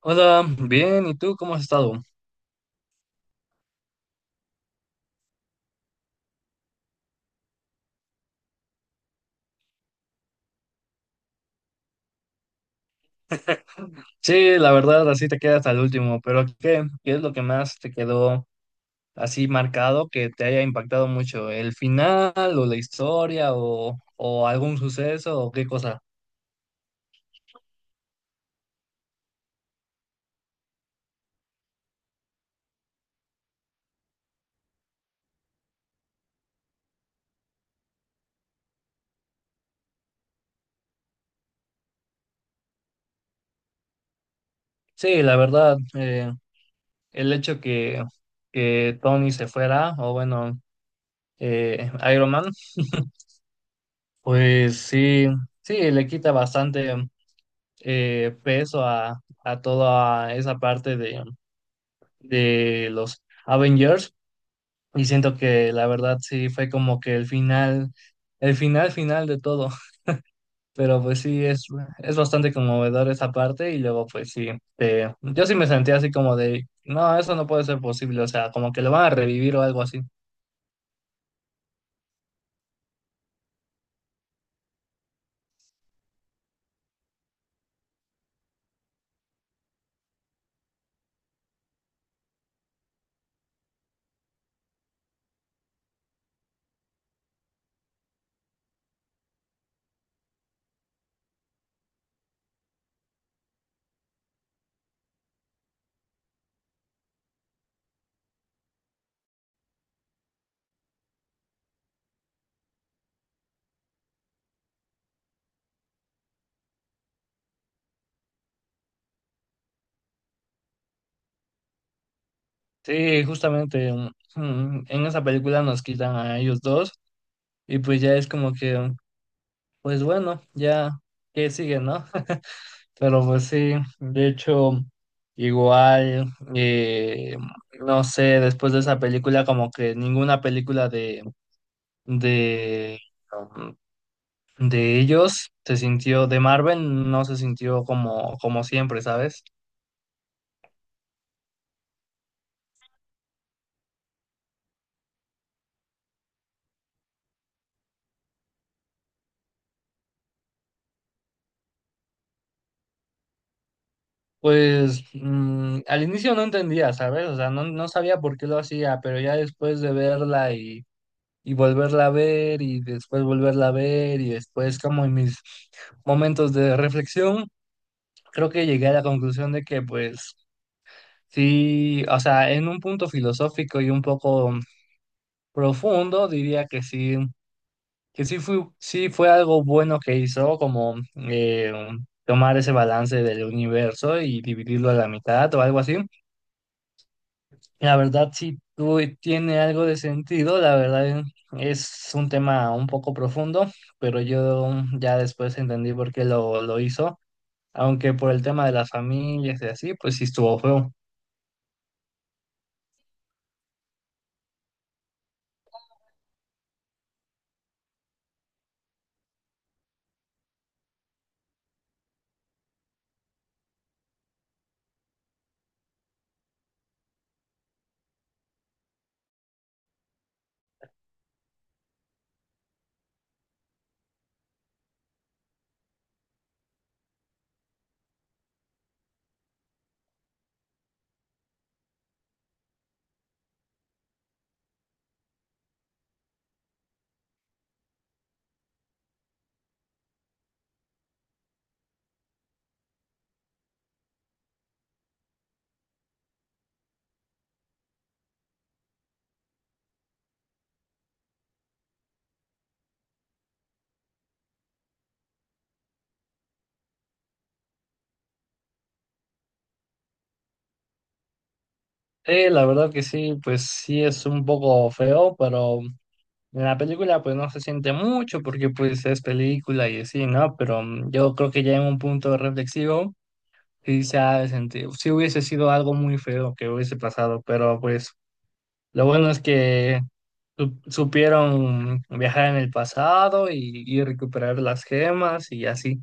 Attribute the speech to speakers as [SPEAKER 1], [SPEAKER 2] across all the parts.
[SPEAKER 1] Hola, bien, ¿y tú cómo has estado? Sí, la verdad, así te quedas al último, pero ¿qué es lo que más te quedó así marcado que te haya impactado mucho? ¿El final o la historia o algún suceso o qué cosa? Sí, la verdad, el hecho que Tony se fuera, o bueno, Iron Man, pues sí, sí, le quita bastante peso a toda esa parte de los Avengers. Y siento que la verdad sí fue como que el final final de todo. Pero pues sí, es bastante conmovedor esa parte. Y luego pues sí, yo sí me sentí así como de, no, eso no puede ser posible. O sea, como que lo van a revivir o algo así. Sí, justamente en esa película nos quitan a ellos dos. Y pues ya es como que, pues bueno, ya, ¿qué sigue, no? Pero pues sí, de hecho, igual, eh, no sé, después de esa película, como que ninguna película de, um, de ellos se sintió, de Marvel no se sintió como siempre, ¿sabes? Pues al inicio no entendía, ¿sabes? O sea, no, no sabía por qué lo hacía, pero ya después de verla y volverla a ver y después volverla a ver y después como en mis momentos de reflexión creo que llegué a la conclusión de que, pues, sí, o sea, en un punto filosófico y un poco profundo, diría que sí, que sí fue algo bueno que hizo, como tomar ese balance del universo y dividirlo a la mitad o algo así. La verdad, sí tiene algo de sentido, la verdad es un tema un poco profundo, pero yo ya después entendí por qué lo hizo, aunque por el tema de las familias y así, pues sí estuvo feo. Sí, la verdad que sí, pues sí es un poco feo, pero en la película pues no se siente mucho porque pues es película y así, ¿no? Pero yo creo que ya en un punto reflexivo sí se ha de sentir, sí hubiese sido algo muy feo que hubiese pasado, pero pues lo bueno es que supieron viajar en el pasado y recuperar las gemas y así.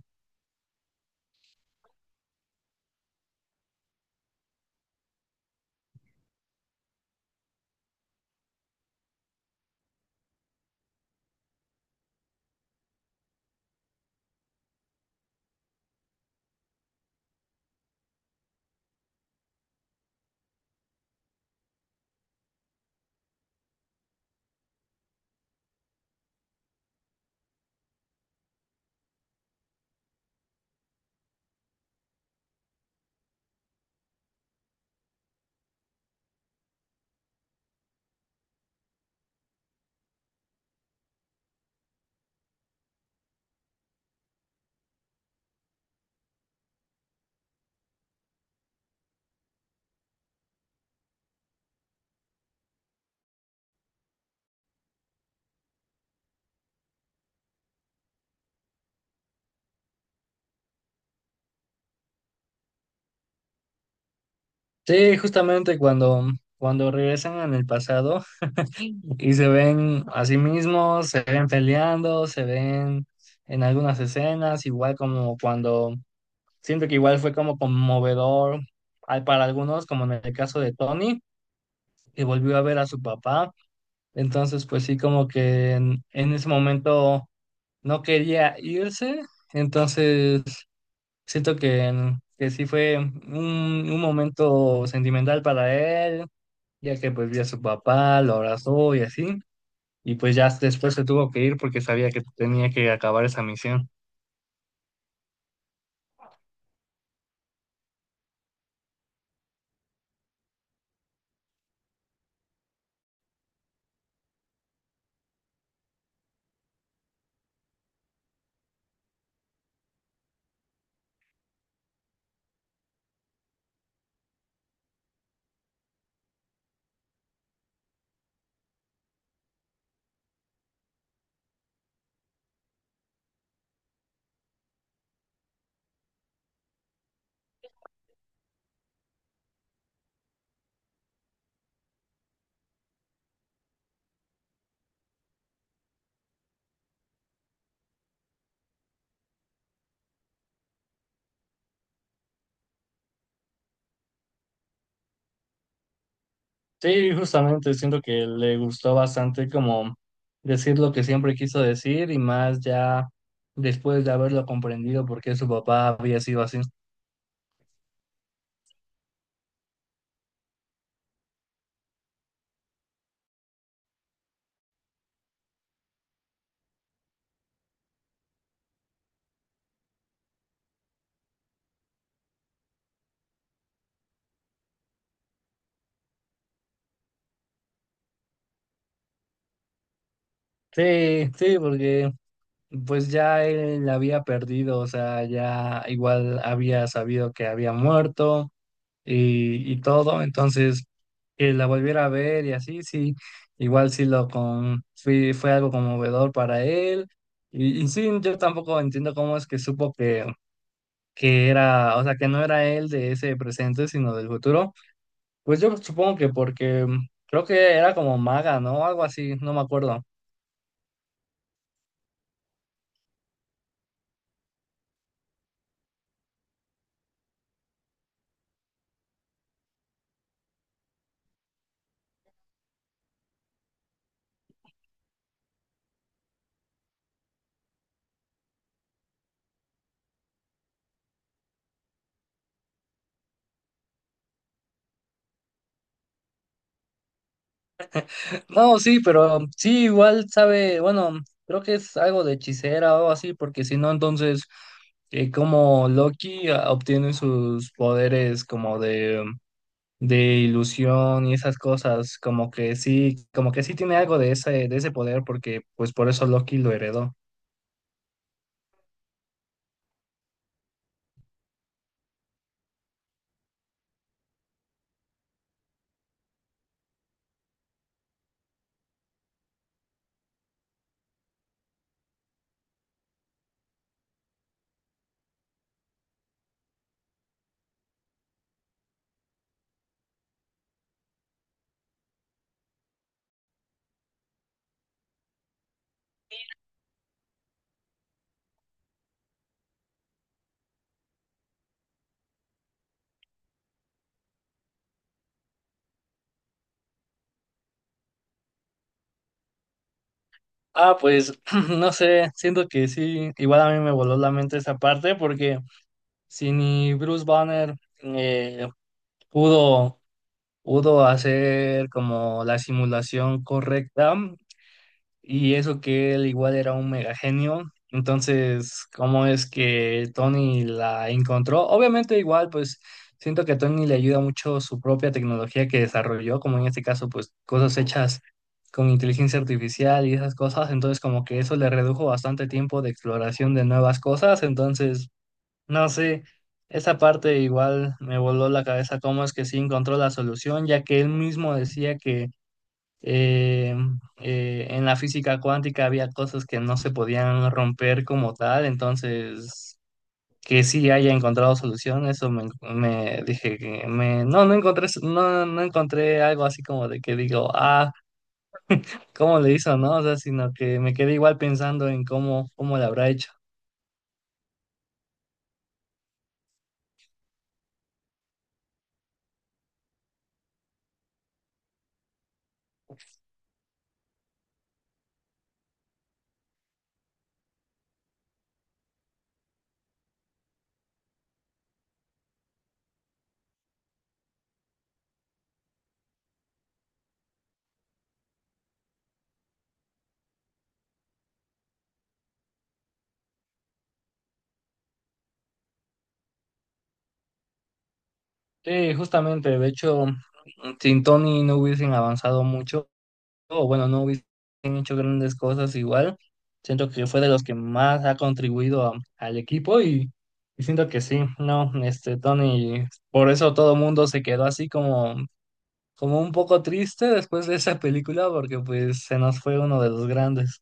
[SPEAKER 1] Sí, justamente cuando regresan en el pasado. Y se ven a sí mismos, se ven peleando, se ven en algunas escenas, igual como siento que igual fue como conmovedor para algunos, como en el caso de Tony, que volvió a ver a su papá. Entonces, pues sí, como que en ese momento no quería irse. Entonces, siento que sí fue un momento sentimental para él, ya que pues vio a su papá, lo abrazó y así y pues ya después se tuvo que ir porque sabía que tenía que acabar esa misión. Sí, justamente siento que le gustó bastante como decir lo que siempre quiso decir y más ya después de haberlo comprendido por qué su papá había sido así. Sí, sí, porque pues ya él la había perdido, o sea, ya igual había sabido que había muerto. Y todo, entonces que la volviera a ver y así, sí, igual sí fue algo conmovedor para él. Y sí, yo tampoco entiendo cómo es que supo que era, o sea, que no era él de ese presente, sino del futuro. Pues yo supongo que porque creo que era como maga, ¿no? Algo así, no me acuerdo. No, sí, pero sí, igual sabe, bueno, creo que es algo de hechicera o algo así, porque si no, entonces, como Loki ah, obtiene sus poderes como de ilusión y esas cosas, como que sí tiene algo de ese, poder, porque pues por eso Loki lo heredó. Ah, pues no sé, siento que sí, igual a mí me voló la mente esa parte, porque si ni Bruce Banner eh, pudo. pudo hacer como la simulación correcta y eso que él igual era un mega genio. Entonces, ¿cómo es que Tony la encontró? Obviamente igual, pues siento que a Tony le ayuda mucho su propia tecnología que desarrolló, como en este caso, pues cosas hechas con inteligencia artificial y esas cosas. Entonces, como que eso le redujo bastante tiempo de exploración de nuevas cosas. Entonces. No sé, esa parte igual me voló la cabeza, cómo es que sí encontró la solución, ya que él mismo decía que eh, en la física cuántica había cosas que no se podían romper como tal, entonces que sí haya encontrado solución, eso me dije que no, no encontré algo así como de que digo, ah, ¿cómo le hizo, no? O sea, sino que me quedé igual pensando en cómo le habrá hecho. Sí, justamente, de hecho, sin Tony no hubiesen avanzado mucho, o bueno, no hubiesen hecho grandes cosas igual. Siento que fue de los que más ha contribuido al equipo y siento que sí, no, este Tony, por eso todo el mundo se quedó así como un poco triste después de esa película, porque pues se nos fue uno de los grandes.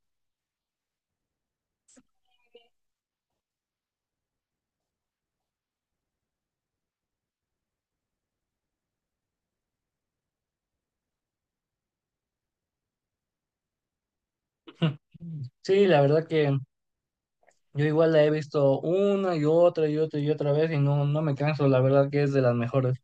[SPEAKER 1] Sí, la verdad que yo igual la he visto una y otra y otra y otra vez y no, no me canso, la verdad que es de las mejores.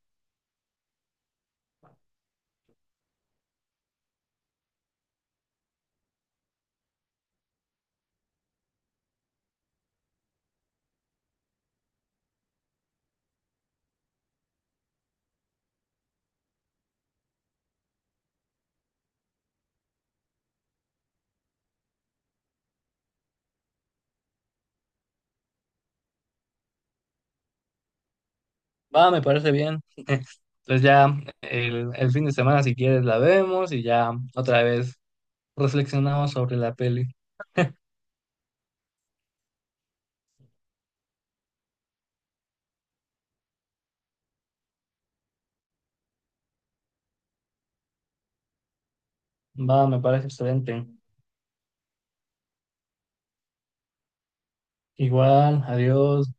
[SPEAKER 1] Va, me parece bien. Entonces ya el fin de semana, si quieres, la vemos y ya otra vez reflexionamos sobre la peli. Va, me parece excelente. Igual, adiós.